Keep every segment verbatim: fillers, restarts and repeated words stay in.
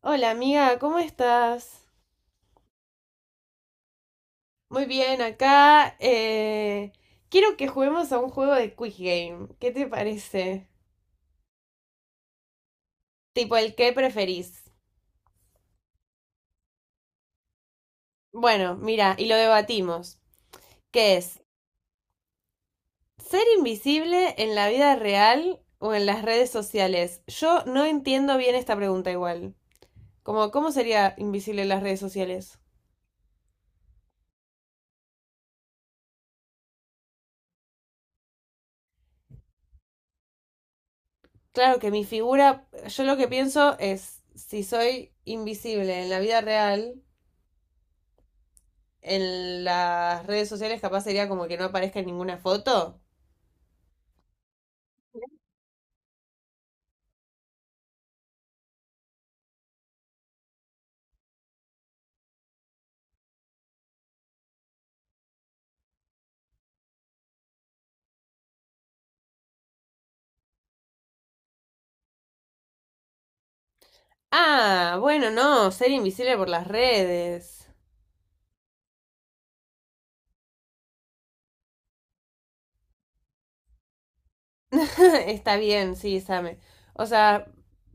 Hola amiga, ¿cómo estás? Muy bien, acá eh, quiero que juguemos a un juego de Quick Game. ¿Qué te parece? Tipo el que preferís. Bueno, mira, y lo debatimos. ¿Qué es? ¿Ser invisible en la vida real o en las redes sociales? Yo no entiendo bien esta pregunta igual. Como, ¿cómo sería invisible en las redes sociales? Claro que mi figura, yo lo que pienso es, si soy invisible en la vida real, en las redes sociales capaz sería como que no aparezca en ninguna foto. Ah, bueno, no, ser invisible por las redes. Está bien, sí, Same. O sea,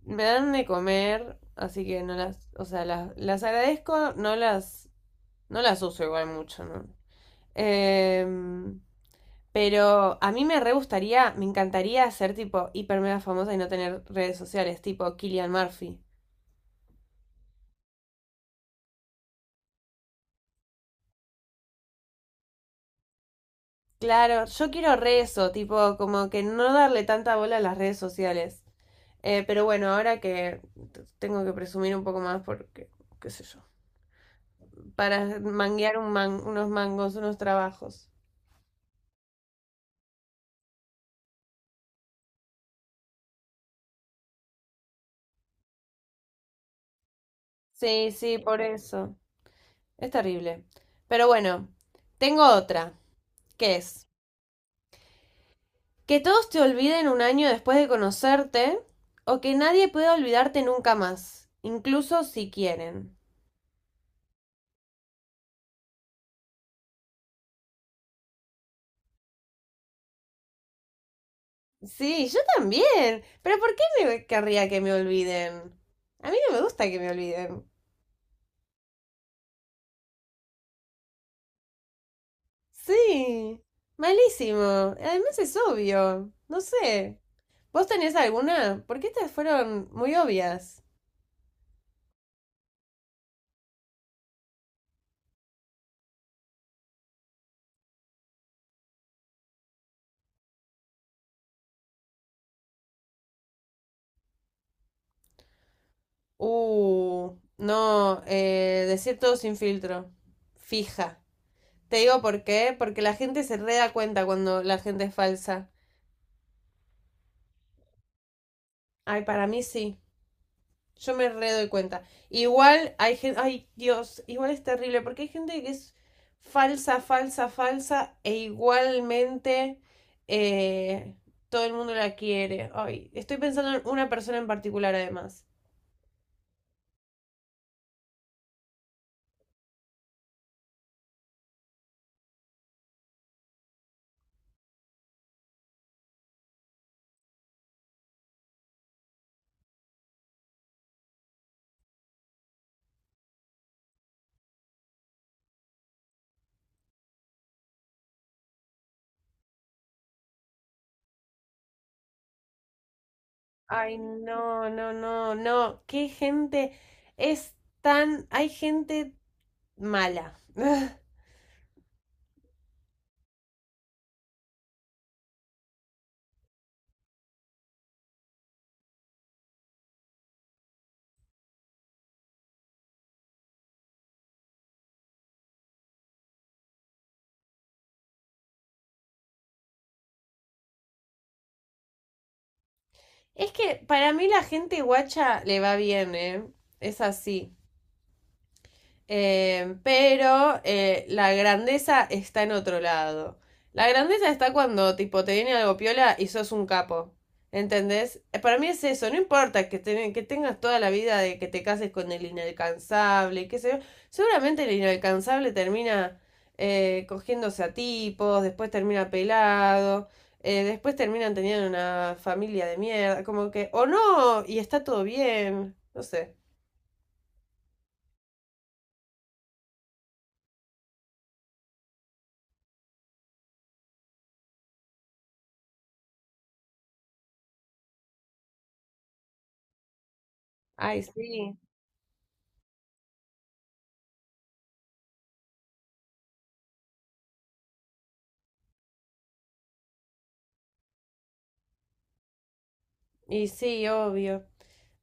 me dan de comer, así que no las, o sea, las, las agradezco, no las, no las uso igual mucho, ¿no? Em, pero a mí me re gustaría, me encantaría ser tipo hiper mega famosa y no tener redes sociales, tipo Killian Murphy. Claro, yo quiero re eso, tipo, como que no darle tanta bola a las redes sociales. Eh, pero bueno, ahora que t- tengo que presumir un poco más porque, qué sé yo, para manguear un man- unos mangos, unos trabajos. Sí, sí, por eso. Es terrible. Pero bueno, tengo otra, que es que todos te olviden un año después de conocerte o que nadie pueda olvidarte nunca más, incluso si quieren. Sí, yo también. Pero ¿por qué me querría que me olviden? A mí no me gusta que me olviden. Sí, malísimo. Además es obvio. No sé. ¿Vos tenés alguna? Porque estas fueron muy obvias. Uh, no, eh, Decir todo sin filtro. Fija. Te digo por qué, porque la gente se re da cuenta cuando la gente es falsa. Ay, para mí sí. Yo me re doy cuenta. Igual hay gente, ay Dios, igual es terrible, porque hay gente que es falsa, falsa, falsa, e igualmente eh, todo el mundo la quiere. Ay, estoy pensando en una persona en particular además. Ay, no, no, no, no. Qué gente es tan. Hay gente mala. Es que para mí la gente guacha le va bien, ¿eh? Es así. Eh, pero eh, la grandeza está en otro lado. La grandeza está cuando, tipo, te viene algo piola y sos un capo. ¿Entendés? Eh, Para mí es eso, no importa que, te- que tengas toda la vida de que te cases con el inalcanzable, y qué sé yo. Seguramente el inalcanzable termina eh, cogiéndose a tipos, después termina pelado, eh, después terminan teniendo una familia de mierda, como que, o no, y está todo bien, no sé. Ay, sí. Y sí, obvio.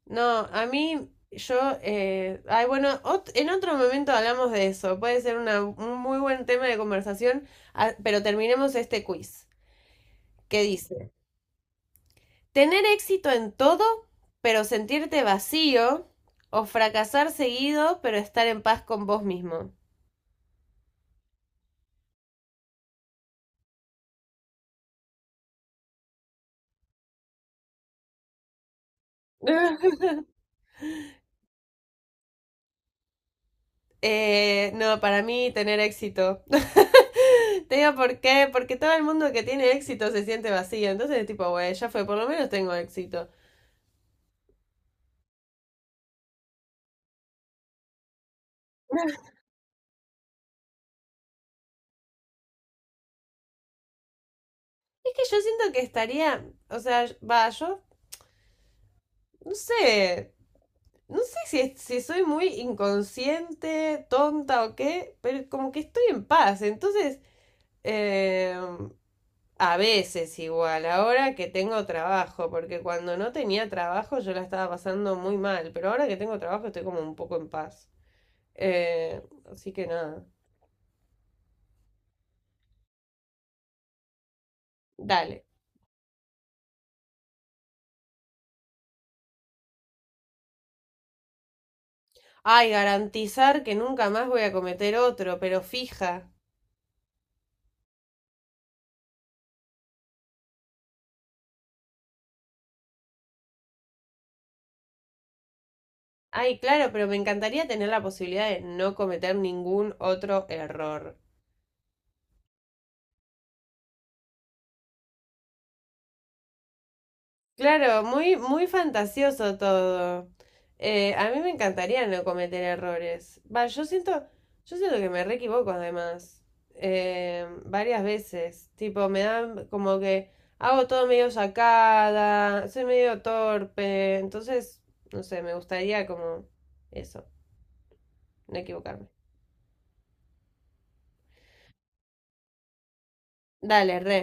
No, a mí, yo, eh, ay, bueno, ot- en otro momento hablamos de eso. Puede ser una, un muy buen tema de conversación, ah, pero terminemos este quiz. ¿Qué dice? ¿Tener éxito en todo, pero sentirte vacío? ¿O fracasar seguido, pero estar en paz con vos mismo? Eh, no, Para mí tener éxito. Te digo por qué, porque todo el mundo que tiene éxito se siente vacío. Entonces, tipo, güey, ya fue, por lo menos tengo éxito. Es que yo siento que estaría, o sea, va, yo no sé, no sé si, es- si soy muy inconsciente, tonta o qué, pero como que estoy en paz. Entonces, eh, a veces igual, ahora que tengo trabajo, porque cuando no tenía trabajo yo la estaba pasando muy mal, pero ahora que tengo trabajo estoy como un poco en paz. Eh, Así que nada, dale. Ay, garantizar que nunca más voy a cometer otro, pero fija. Ay, claro, pero me encantaría tener la posibilidad de no cometer ningún otro error. Claro, muy, muy fantasioso todo. Eh, a mí me encantaría no cometer errores. Va, yo siento, yo siento que me re equivoco además. Eh, varias veces. Tipo, me dan como que hago todo medio sacada, soy medio torpe. Entonces, no sé, me gustaría como eso, no equivocarme. Dale, re.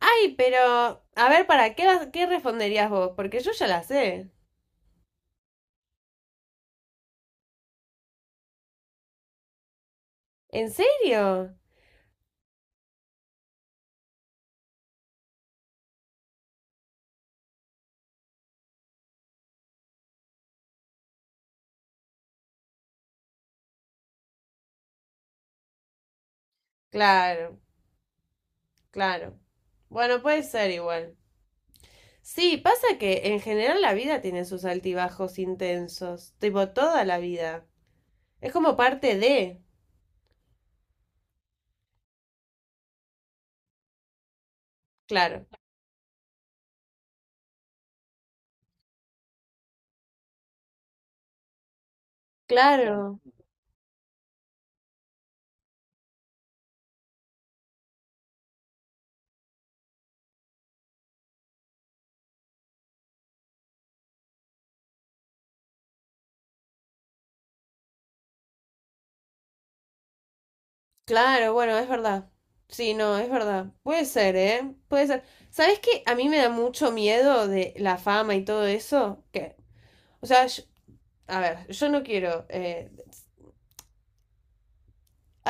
Ay, pero, a ver, ¿para qué, vas- qué responderías vos? Porque yo ya la sé. ¿En serio? Claro, claro. Bueno, puede ser igual. Sí, pasa que en general la vida tiene sus altibajos intensos, tipo toda la vida. Es como parte de... Claro, claro, claro, bueno, es verdad. Sí, no, es verdad. Puede ser, ¿eh? Puede ser. ¿Sabes qué? A mí me da mucho miedo de la fama y todo eso. Que, o sea, yo- a ver, yo no quiero eh,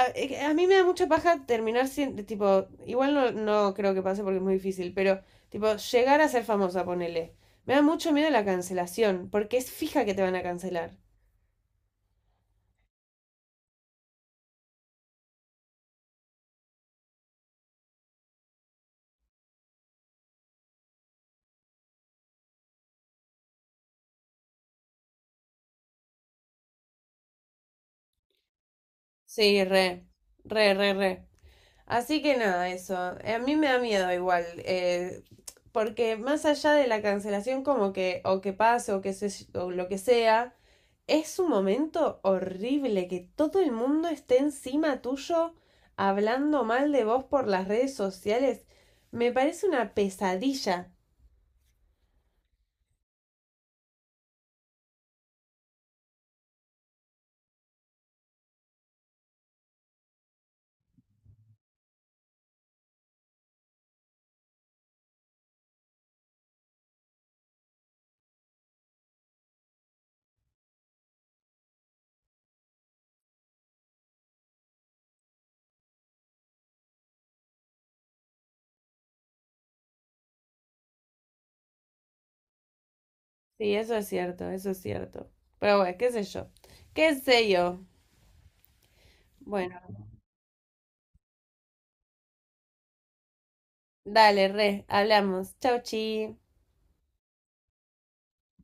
A, eh, a mí me da mucha paja terminar siendo, tipo, igual no, no creo que pase porque es muy difícil, pero tipo, llegar a ser famosa, ponele. Me da mucho miedo la cancelación, porque es fija que te van a cancelar. Sí, re, re, re, re. Así que nada, eso. Eh, A mí me da miedo igual, eh, porque más allá de la cancelación como que, o que pase, o que se, o lo que sea, es un momento horrible que todo el mundo esté encima tuyo hablando mal de vos por las redes sociales. Me parece una pesadilla. Sí, eso es cierto, eso es cierto. Pero bueno, qué sé yo. ¿Qué sé yo? Bueno, dale, re, hablamos. Chau, chi.